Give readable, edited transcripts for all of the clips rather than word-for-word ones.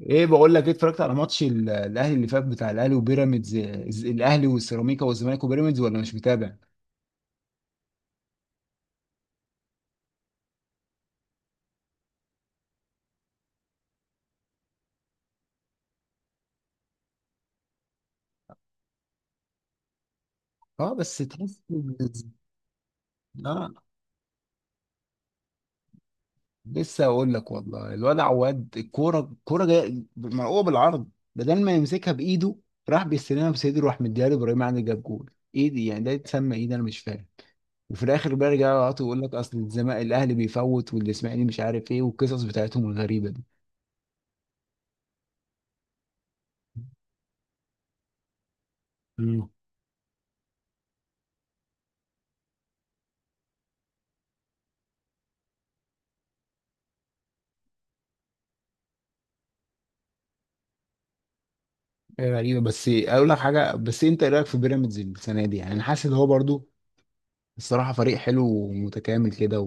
ايه بقول لك ايه؟ اتفرجت على ماتش الاهلي اللي فات، بتاع الاهلي وبيراميدز، الاهلي والسيراميكا والزمالك وبيراميدز، ولا مش متابع؟ اه، بس تحس اه لسه اقول لك، والله الواد عواد، الكوره الكوره جايه مرقوبه بالعرض، بدل ما يمسكها بايده، راح بيستلمها بصدره، راح مديها لابراهيم عادل، جاب جول. ايه دي يعني؟ ده يتسمى ايه ده؟ انا مش فاهم. وفي الاخر بقى رجعوا يقعدوا يقول لك اصل الزمالك، الاهلي بيفوت، والاسماعيلي مش عارف ايه، والقصص بتاعتهم الغريبه دي. غريبة. بس اقول لك حاجة، بس انت ايه رأيك في بيراميدز السنة دي؟ يعني انا حاسس ان هو برضو الصراحة فريق حلو ومتكامل كده، و...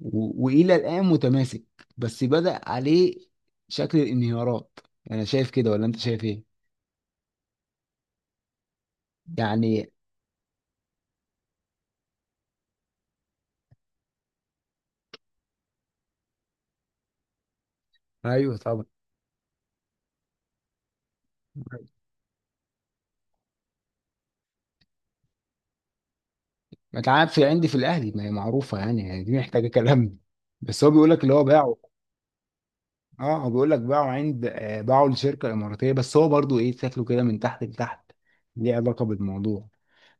و... والى الآن متماسك، بس بدأ عليه شكل الانهيارات. انا شايف كده، ولا انت شايف ايه يعني؟ ايوه طبعا. ما تعرف، في عندي في الاهلي ما هي معروفة يعني، يعني دي محتاجة كلام. بس هو بيقول لك اللي هو باعه. اه، هو بيقول لك باعه عند باعه لشركة اماراتية، بس هو برضو ايه شكله كده من تحت لتحت. ليه علاقة بالموضوع؟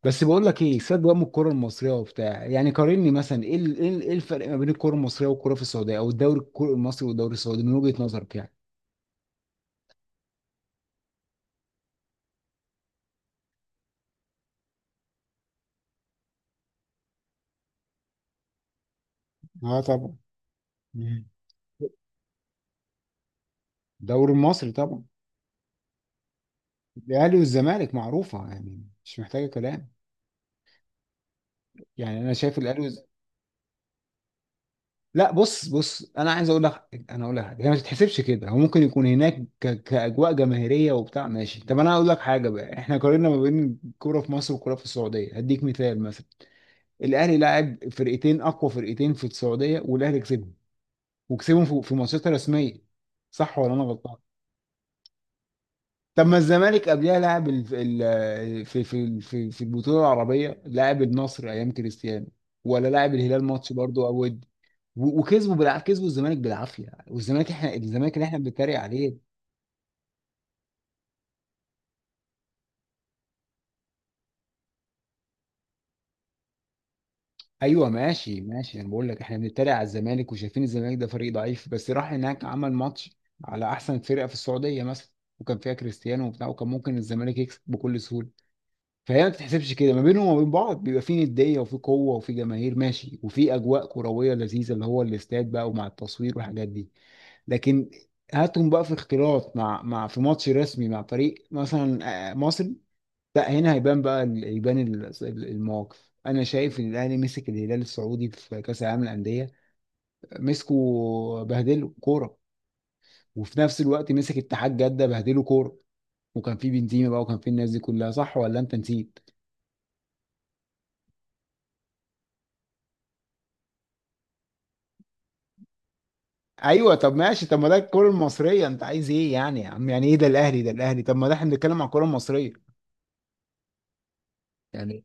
بس بقول لك ايه، سيبك بقى من الكوره المصريه وبتاع، يعني قارني مثلا ايه ايه إيه الفرق ما بين الكوره المصريه والكوره في السعوديه، او الدوري المصري والدوري السعودي، من وجهه نظرك يعني؟ اه طبعا. مم. الدوري المصري طبعا. الاهلي والزمالك معروفه يعني، مش محتاجه كلام، يعني انا شايف لا، بص بص، انا عايز اقول لك انا اقول لك حاجه، هي ما تتحسبش كده، هو ممكن يكون هناك كاجواء جماهيريه وبتاع، ماشي. طب انا هقول لك حاجه بقى، احنا قارنا ما بين الكوره في مصر والكوره في السعوديه، هديك مثال مثلا. الاهلي لعب فرقتين، اقوى فرقتين في السعوديه، والاهلي كسبهم، وكسبهم في ماتشات رسميه، صح ولا انا غلطان؟ طب ما الزمالك قبلها لعب في البطوله العربيه، لعب النصر ايام كريستيانو، ولا لعب الهلال ماتش برضه او ودي، وكسبوا كسبوا الزمالك بالعافيه، والزمالك احنا الزمالك اللي احنا بنتريق عليه. ايوه، ماشي ماشي، انا بقول لك احنا بنتريق على الزمالك وشايفين الزمالك ده فريق ضعيف، بس راح هناك عمل ماتش على احسن فرقه في السعوديه مثلا، وكان فيها كريستيانو وبتاع، وكان ممكن الزمالك يكسب بكل سهوله. فهي ما بتتحسبش كده، ما بينهم وما بين بعض بيبقى في نديه وفي قوه وفي جماهير ماشي وفي اجواء كرويه لذيذه، اللي هو الاستاد بقى ومع التصوير والحاجات دي. لكن هاتهم بقى في اختلاط مع مع في ماتش رسمي مع فريق مثلا مصري، لا هنا هيبان بقى يبان المواقف. انا شايف ان الاهلي مسك الهلال السعودي في كاس العالم للانديه، مسكوا بهدله كوره، وفي نفس الوقت مسك اتحاد جده بهدله كوره، وكان في بنزيما بقى وكان في الناس دي كلها، صح ولا انت نسيت؟ ايوه. طب ماشي، طب ما ده الكوره المصريه، انت عايز ايه يعني يا عم؟ يعني ايه ده الاهلي ده الاهلي؟ طب ما ده احنا بنتكلم على الكوره المصريه. يعني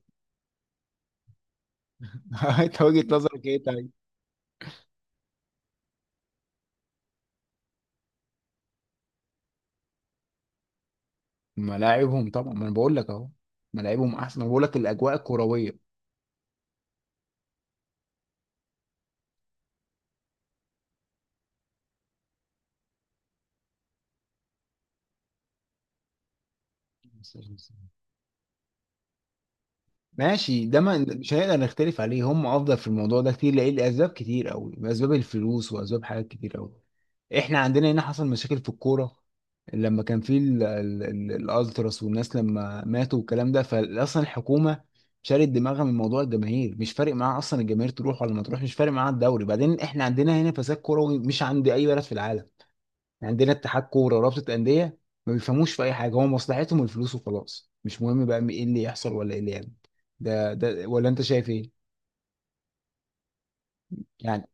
انت وجهه نظرك ايه طيب؟ ملاعبهم طبعا، ما انا بقول لك اهو، ملاعبهم احسن، انا بقول لك الاجواء الكرويه. ماشي، ده ما مش هنقدر نختلف عليه، هم افضل في الموضوع ده كتير، لان لاسباب كتير قوي، اسباب الفلوس واسباب حاجات كتير قوي. احنا عندنا هنا حصل مشاكل في الكوره لما كان في الالتراس والناس لما ماتوا والكلام ده، فاصلا الحكومه شالت دماغها من موضوع الجماهير، مش فارق معاها اصلا الجماهير تروح ولا ما تروح، مش فارق معاها الدوري. بعدين احنا عندنا هنا فساد كروي مش عند اي بلد في العالم، عندنا اتحاد كوره ورابطه انديه ما بيفهموش في اي حاجه، هو مصلحتهم الفلوس وخلاص، مش مهم بقى ايه اللي يحصل ولا ايه اللي يعمل. ده ولا انت شايف ايه يعني؟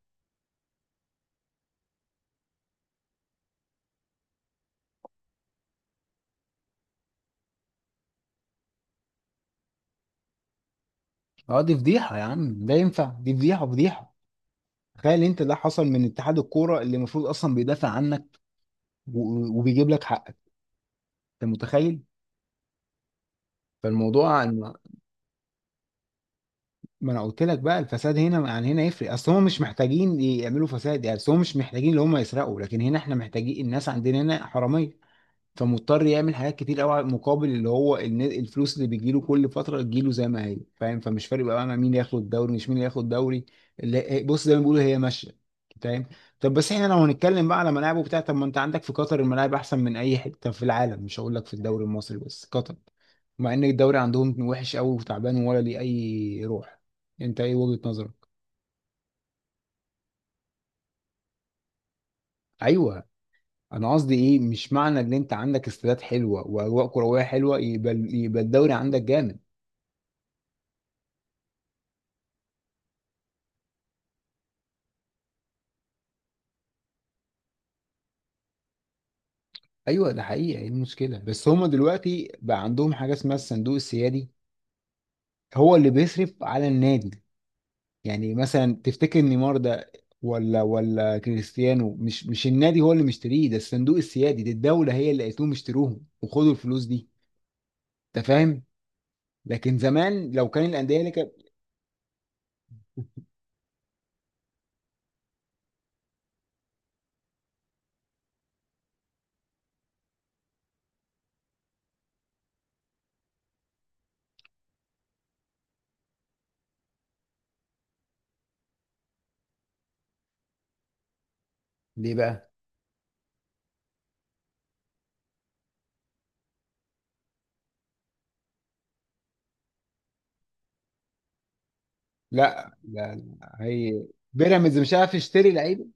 اه دي فضيحه يا عم، ده ينفع؟ دي فضيحه، فضيحه. تخيل انت ده حصل من اتحاد الكوره اللي المفروض اصلا بيدافع عنك وبيجيب لك حقك، انت متخيل؟ فالموضوع عن- ما انا قلت لك بقى، الفساد هنا عن هنا يفرق، اصل هم مش محتاجين يعملوا فساد يعني، اصل هم مش محتاجين ان هم يسرقوا، لكن هنا احنا محتاجين، الناس عندنا هنا حراميه، فمضطر يعمل حاجات كتير قوي مقابل اللي هو الفلوس اللي بتجيله كل فتره، تجيله زي ما هي، فاهم؟ فمش فارق بقى انا مين ياخد الدوري، مش مين اللي ياخد الدوري، اللي بص زي ما بيقولوا هي ماشيه، فاهم؟ طب بس احنا لو هنتكلم بقى على ملاعب وبتاع، طب ما انت عندك في قطر الملاعب احسن من اي حته في العالم، مش هقول لك في الدوري المصري بس، قطر، مع ان الدوري عندهم وحش قوي وتعبان ولا ليه اي روح. انت ايه وجهه نظرك؟ ايوه، انا قصدي ايه، مش معنى ان انت عندك استادات حلوه واجواء كرويه حلوه يبقى الدوري عندك جامد. ايوه ده حقيقه، ايه المشكله بس، هما دلوقتي بقى عندهم حاجه اسمها الصندوق السيادي، هو اللي بيصرف على النادي. يعني مثلا تفتكر نيمار ده ولا ولا كريستيانو، مش النادي هو اللي مشتريه، ده الصندوق السيادي، دي الدوله هي اللي قالت لهم اشتروهم وخدوا الفلوس دي، انت فاهم؟ لكن زمان لو كان الانديه اللي كانت ليه بقى لا، هي بيراميدز مش عارف يشتري لعيبه؟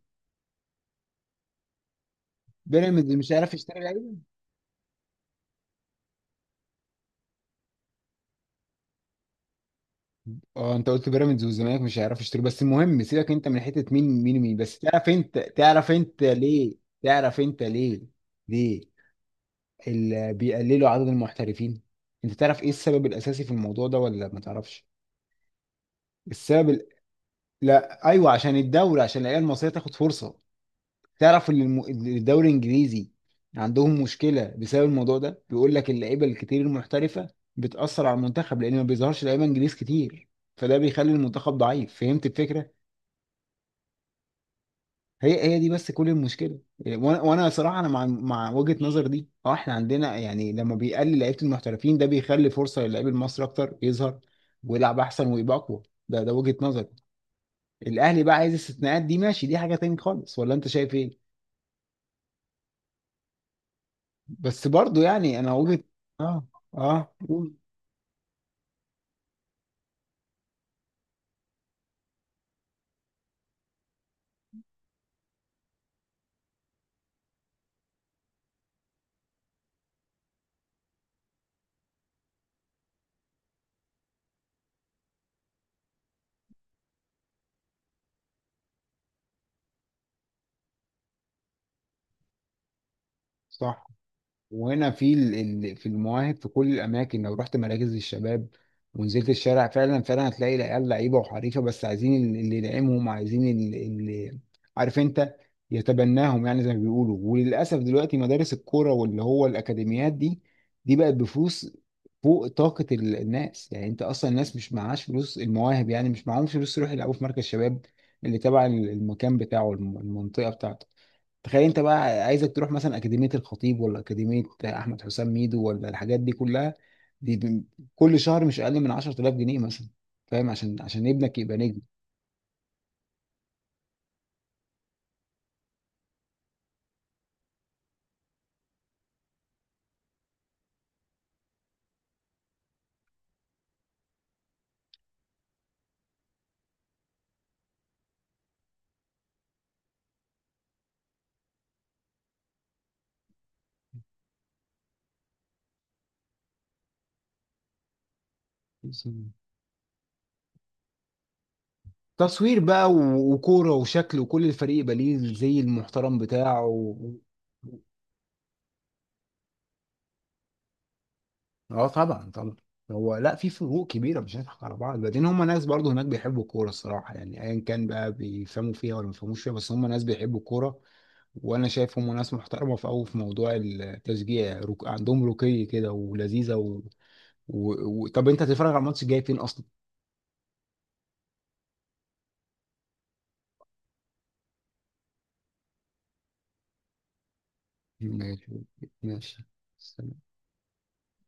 بيراميدز مش عارف يشتري؟ اه، انت قلت بيراميدز والزمالك مش هيعرفوا يشتروا، بس المهم سيبك انت من حته مين بس تعرف، انت تعرف انت ليه؟ تعرف انت ليه؟ ليه اللي بيقللوا عدد المحترفين؟ انت تعرف ايه السبب الاساسي في الموضوع ده ولا ما تعرفش؟ السبب ال... لا، ايوه، عشان الدوري، عشان العيال المصريه تاخد فرصه. تعرف ان الدوري الانجليزي عندهم مشكله بسبب الموضوع ده، بيقول لك اللعيبه الكتير المحترفه بتاثر على المنتخب، لان ما بيظهرش لعيبه انجليز كتير، فده بيخلي المنتخب ضعيف، فهمت الفكره؟ هي دي بس كل المشكله. إيه، وانا وانا صراحه انا مع وجهه نظر دي، اه احنا عندنا يعني لما بيقلل لعيبه المحترفين، ده بيخلي فرصه للعيب المصري اكتر يظهر ويلعب احسن ويبقى اقوى، ده وجهه نظر. الاهلي بقى عايز استثناءات، دي ماشي، دي حاجه تاني خالص، ولا انت شايف ايه؟ بس برضو يعني انا وجهه اه، اه، قول. صح. وهنا في في المواهب، في كل الاماكن، لو رحت مراكز الشباب ونزلت الشارع، فعلا فعلا هتلاقي العيال لعيبه وحريفه، بس عايزين اللي يدعمهم، عايزين اللي عارف انت يتبناهم يعني، زي ما بيقولوا. وللاسف دلوقتي مدارس الكوره واللي هو الاكاديميات دي، دي بقت بفلوس فوق طاقه الناس يعني، انت اصلا الناس مش معهاش فلوس، المواهب يعني مش معهمش فلوس يروحوا يلعبوا في مركز شباب اللي تبع المكان بتاعه، المنطقه بتاعته. تخيل انت بقى عايزك تروح مثلا اكاديميه الخطيب، ولا اكاديميه احمد حسام ميدو، ولا الحاجات دي كلها، دي ب- كل شهر مش اقل من 10000 جنيه مثلا، فاهم؟ عشان ابنك يبقى نجم، تصوير بقى وكوره وشكل، وكل الفريق يبقى ليه الزي المحترم بتاعه و... اه طبعا طبعا. هو لا، في فروق كبيره مش هنضحك على بعض، بعدين هم ناس برضو هناك بيحبوا الكوره الصراحه، يعني ايا كان بقى بيفهموا فيها ولا ما بيفهموش فيها، بس هم ناس بيحبوا الكوره، وانا شايفهم ناس محترمه في قوي في موضوع التشجيع، عندهم رقي كده ولذيذه و... طب انت هتتفرج على الماتش الجاي فين اصلا؟ ماشي، ماشي.